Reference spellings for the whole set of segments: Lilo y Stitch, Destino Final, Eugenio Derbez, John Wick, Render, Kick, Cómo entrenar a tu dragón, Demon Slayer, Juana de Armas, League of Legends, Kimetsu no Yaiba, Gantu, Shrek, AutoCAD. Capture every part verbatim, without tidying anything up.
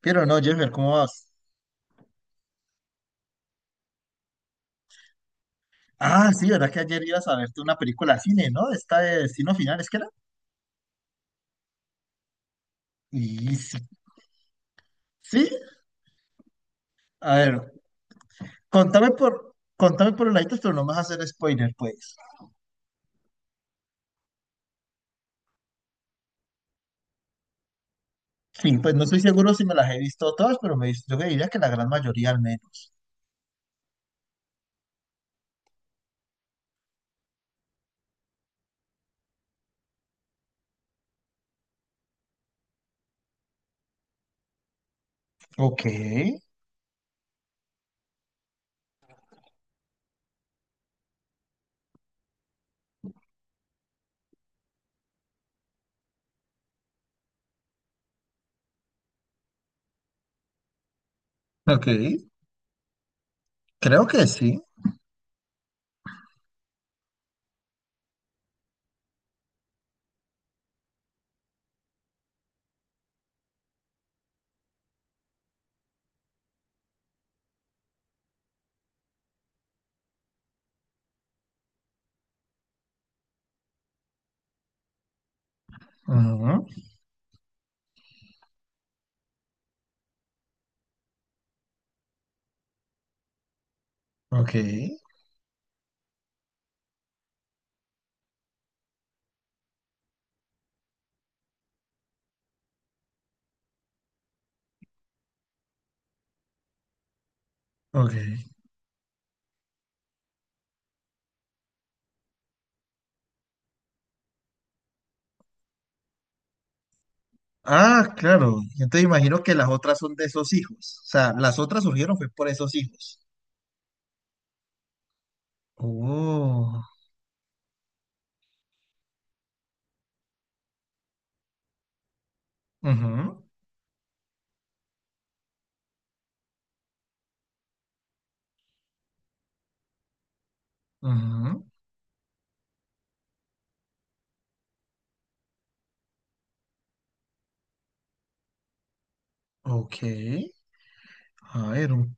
Pero no, Jeffer, ¿cómo vas? Ah, sí, ¿verdad que ayer ibas a verte una película de cine, ¿no? Esta de Destino Final, ¿es que era? Y sí. ¿Sí? A ver, contame por, contame por laditos, pero no me vas a hacer spoiler, pues. Sí, pues no estoy seguro si me las he visto todas, pero me, yo diría que la gran mayoría al menos. Ok. Ok, creo que sí. Ujú. Ok, ok. Ah, claro. Entonces imagino que las otras son de esos hijos. O sea, las otras surgieron fue por esos hijos. Oh. Ujú. Ujú. Ok, a ver, un-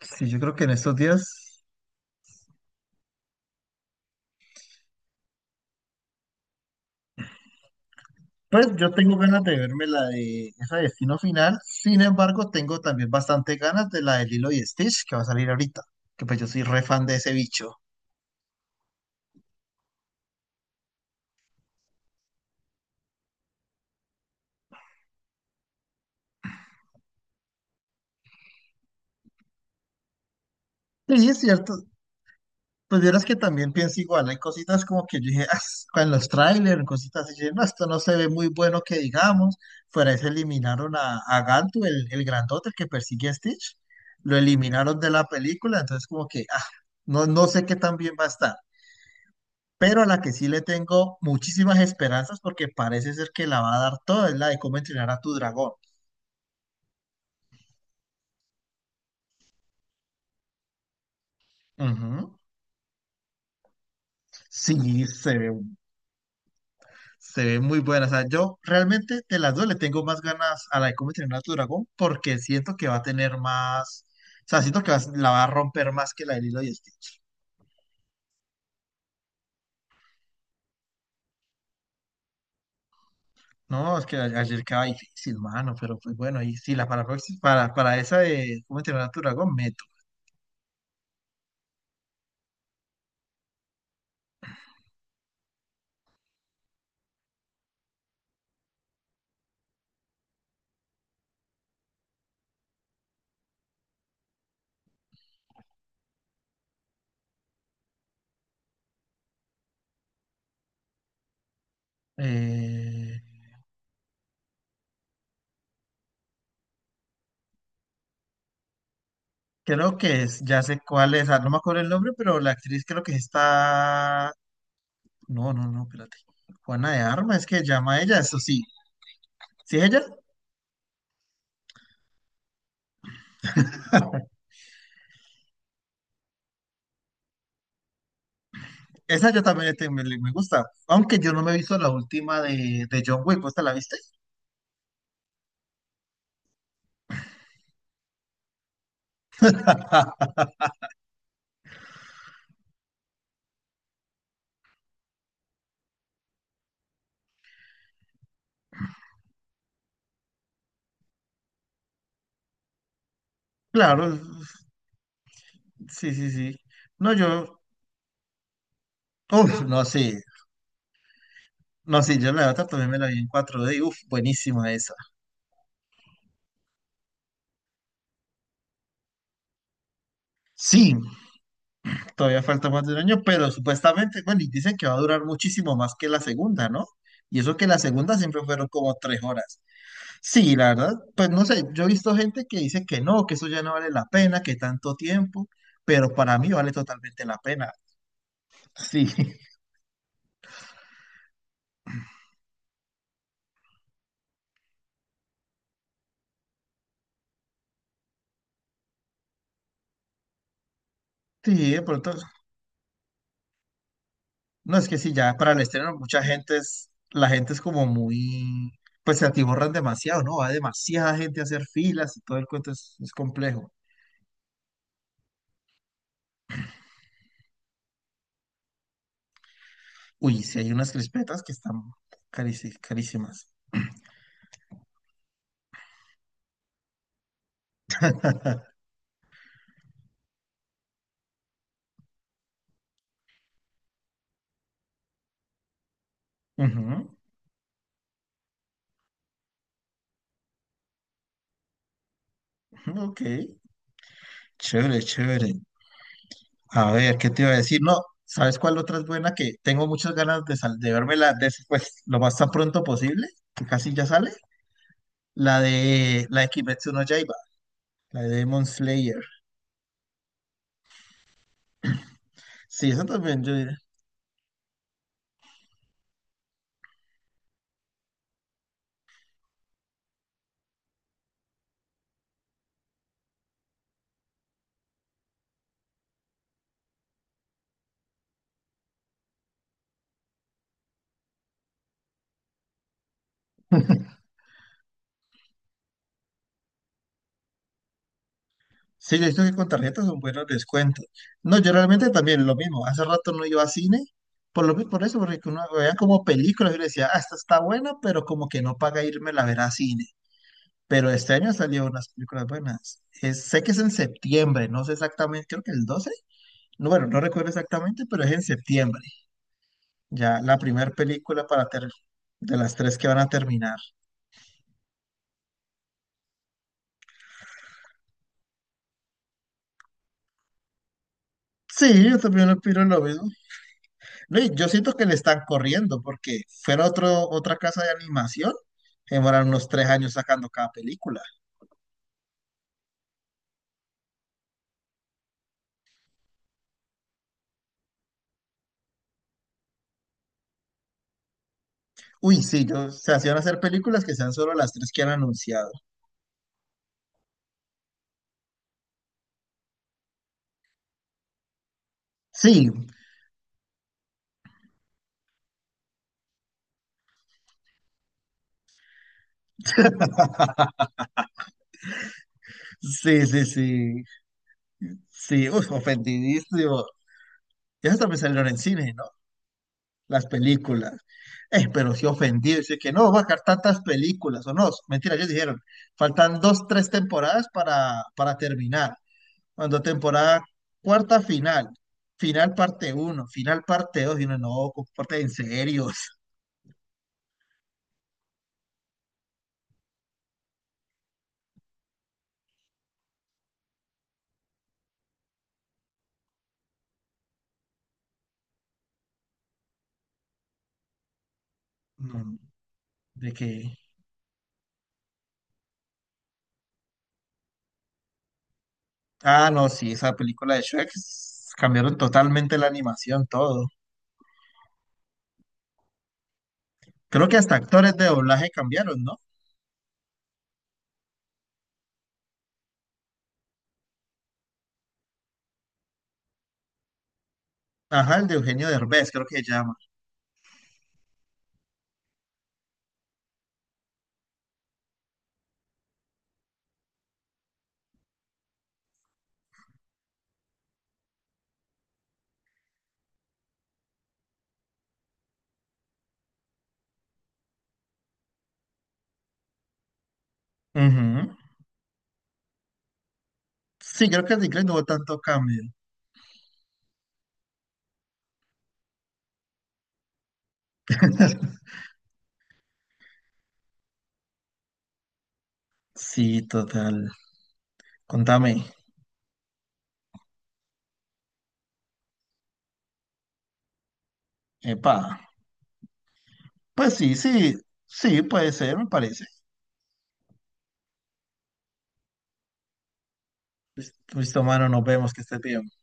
sí, yo creo que en estos días, pues yo tengo ganas de verme la de esa de Destino Final, sin embargo, tengo también bastante ganas de la de Lilo y Stitch que va a salir ahorita, que pues yo soy re fan de ese bicho. Sí, es cierto. Pues vieras que también pienso igual, hay cositas como que yo dije: "Ah, en los trailers, en cositas así", dije: "No, esto no se ve muy bueno que digamos". Fuera de eso eliminaron a, a Gantu, el, el grandote, el que persigue a Stitch, lo eliminaron de la película, entonces como que, ah, no, no sé qué tan bien va a estar, pero a la que sí le tengo muchísimas esperanzas porque parece ser que la va a dar toda, es la de cómo entrenar a tu dragón. Ujú. Sí, se ve se ve muy buena. O sea, yo realmente de las dos le tengo más ganas a la de cómo entrenar a tu dragón porque siento que va a tener más. O sea, siento que va- la va a romper más que la de Lilo y Stitch. No, es que a- ayer quedaba difícil, mano. Pero pues bueno, y sí, la para, proxi- para, para esa de cómo entrenar a tu dragón, meto. Eh, creo que es, ya sé cuál es. Ah, no me acuerdo el nombre, pero la actriz creo que está esta. No, no, no, espérate. Juana de Armas, es que llama a ella, eso sí. ¿Sí es ella? Esa yo también este, me, me gusta, aunque yo no me he visto la última de, de John Wick, ¿vos te la viste? Claro, sí, sí, sí. No, yo, uff, no, sí, no, sí, yo la otra también me la vi en cuatro de, uff, buenísima esa. Sí, todavía falta más de un año, pero supuestamente, bueno, y dicen que va a durar muchísimo más que la segunda, ¿no? Y eso que la segunda siempre fueron como tres horas. Sí, la verdad, pues no sé, yo he visto gente que dice que no, que eso ya no vale la pena, que tanto tiempo, pero para mí vale totalmente la pena. Sí, sí, de pronto. No, es que sí, ya para el estreno mucha gente es, la gente es como muy, pues se atiborran demasiado, ¿no? Va demasiada gente a hacer filas y todo el cuento es, es complejo. Uy, sí hay unas crispetas que están carici- carísimas. Ujú, ujú, ok, chévere, chévere. A ver, ¿qué te iba a decir? No, ¿sabes cuál otra es buena? Que tengo muchas ganas de, sal, de vérmela después, lo más tan pronto posible, que casi ya sale. La de, la de Kimetsu no Yaiba, la de Demon Slayer. Sí, eso también yo diría. Sí, yo he visto que con tarjetas son buenos descuentos. No, yo realmente también lo mismo. Hace rato no iba a cine, por lo mi- por eso, porque uno veía como películas y le decía, ah, esta está buena, pero como que no paga irme la ver a cine. Pero este año salió unas películas buenas. Es- sé que es en septiembre, no sé exactamente, creo que el doce. No, bueno, no recuerdo exactamente, pero es en septiembre. Ya la primera película para ter- de las tres que van a terminar. Sí, yo también lo opino lo mismo. No, y yo siento que le están corriendo porque fuera otro, otra casa de animación, demoraron unos tres años sacando cada película. Uy, sí, yo, se hacían hacer películas que sean solo las tres que han anunciado. Sí, sí, sí, sí, sí, uf, ofendidísimo. Ya hasta me salieron en cine, ¿no? Las películas. Eh, pero sí ofendido, dice que no, va a sacar tantas películas, o no, mentira, ellos dijeron, faltan dos, tres temporadas para, para terminar. Cuando temporada cuarta final, final parte uno, final parte dos, y uno, no, comparte en serio. No, de que. Ah, no, sí, esa película de Shrek s- cambiaron totalmente la animación, todo. Creo que hasta actores de doblaje cambiaron, ¿no? Ajá, el de Eugenio Derbez, creo que se llama. Ujú. Sí, creo que en inglés no hubo tanto cambio. Sí, total. Contame. Epa. Pues sí, sí, sí, puede ser, me parece. Listo, mano, nos vemos, que estés bien.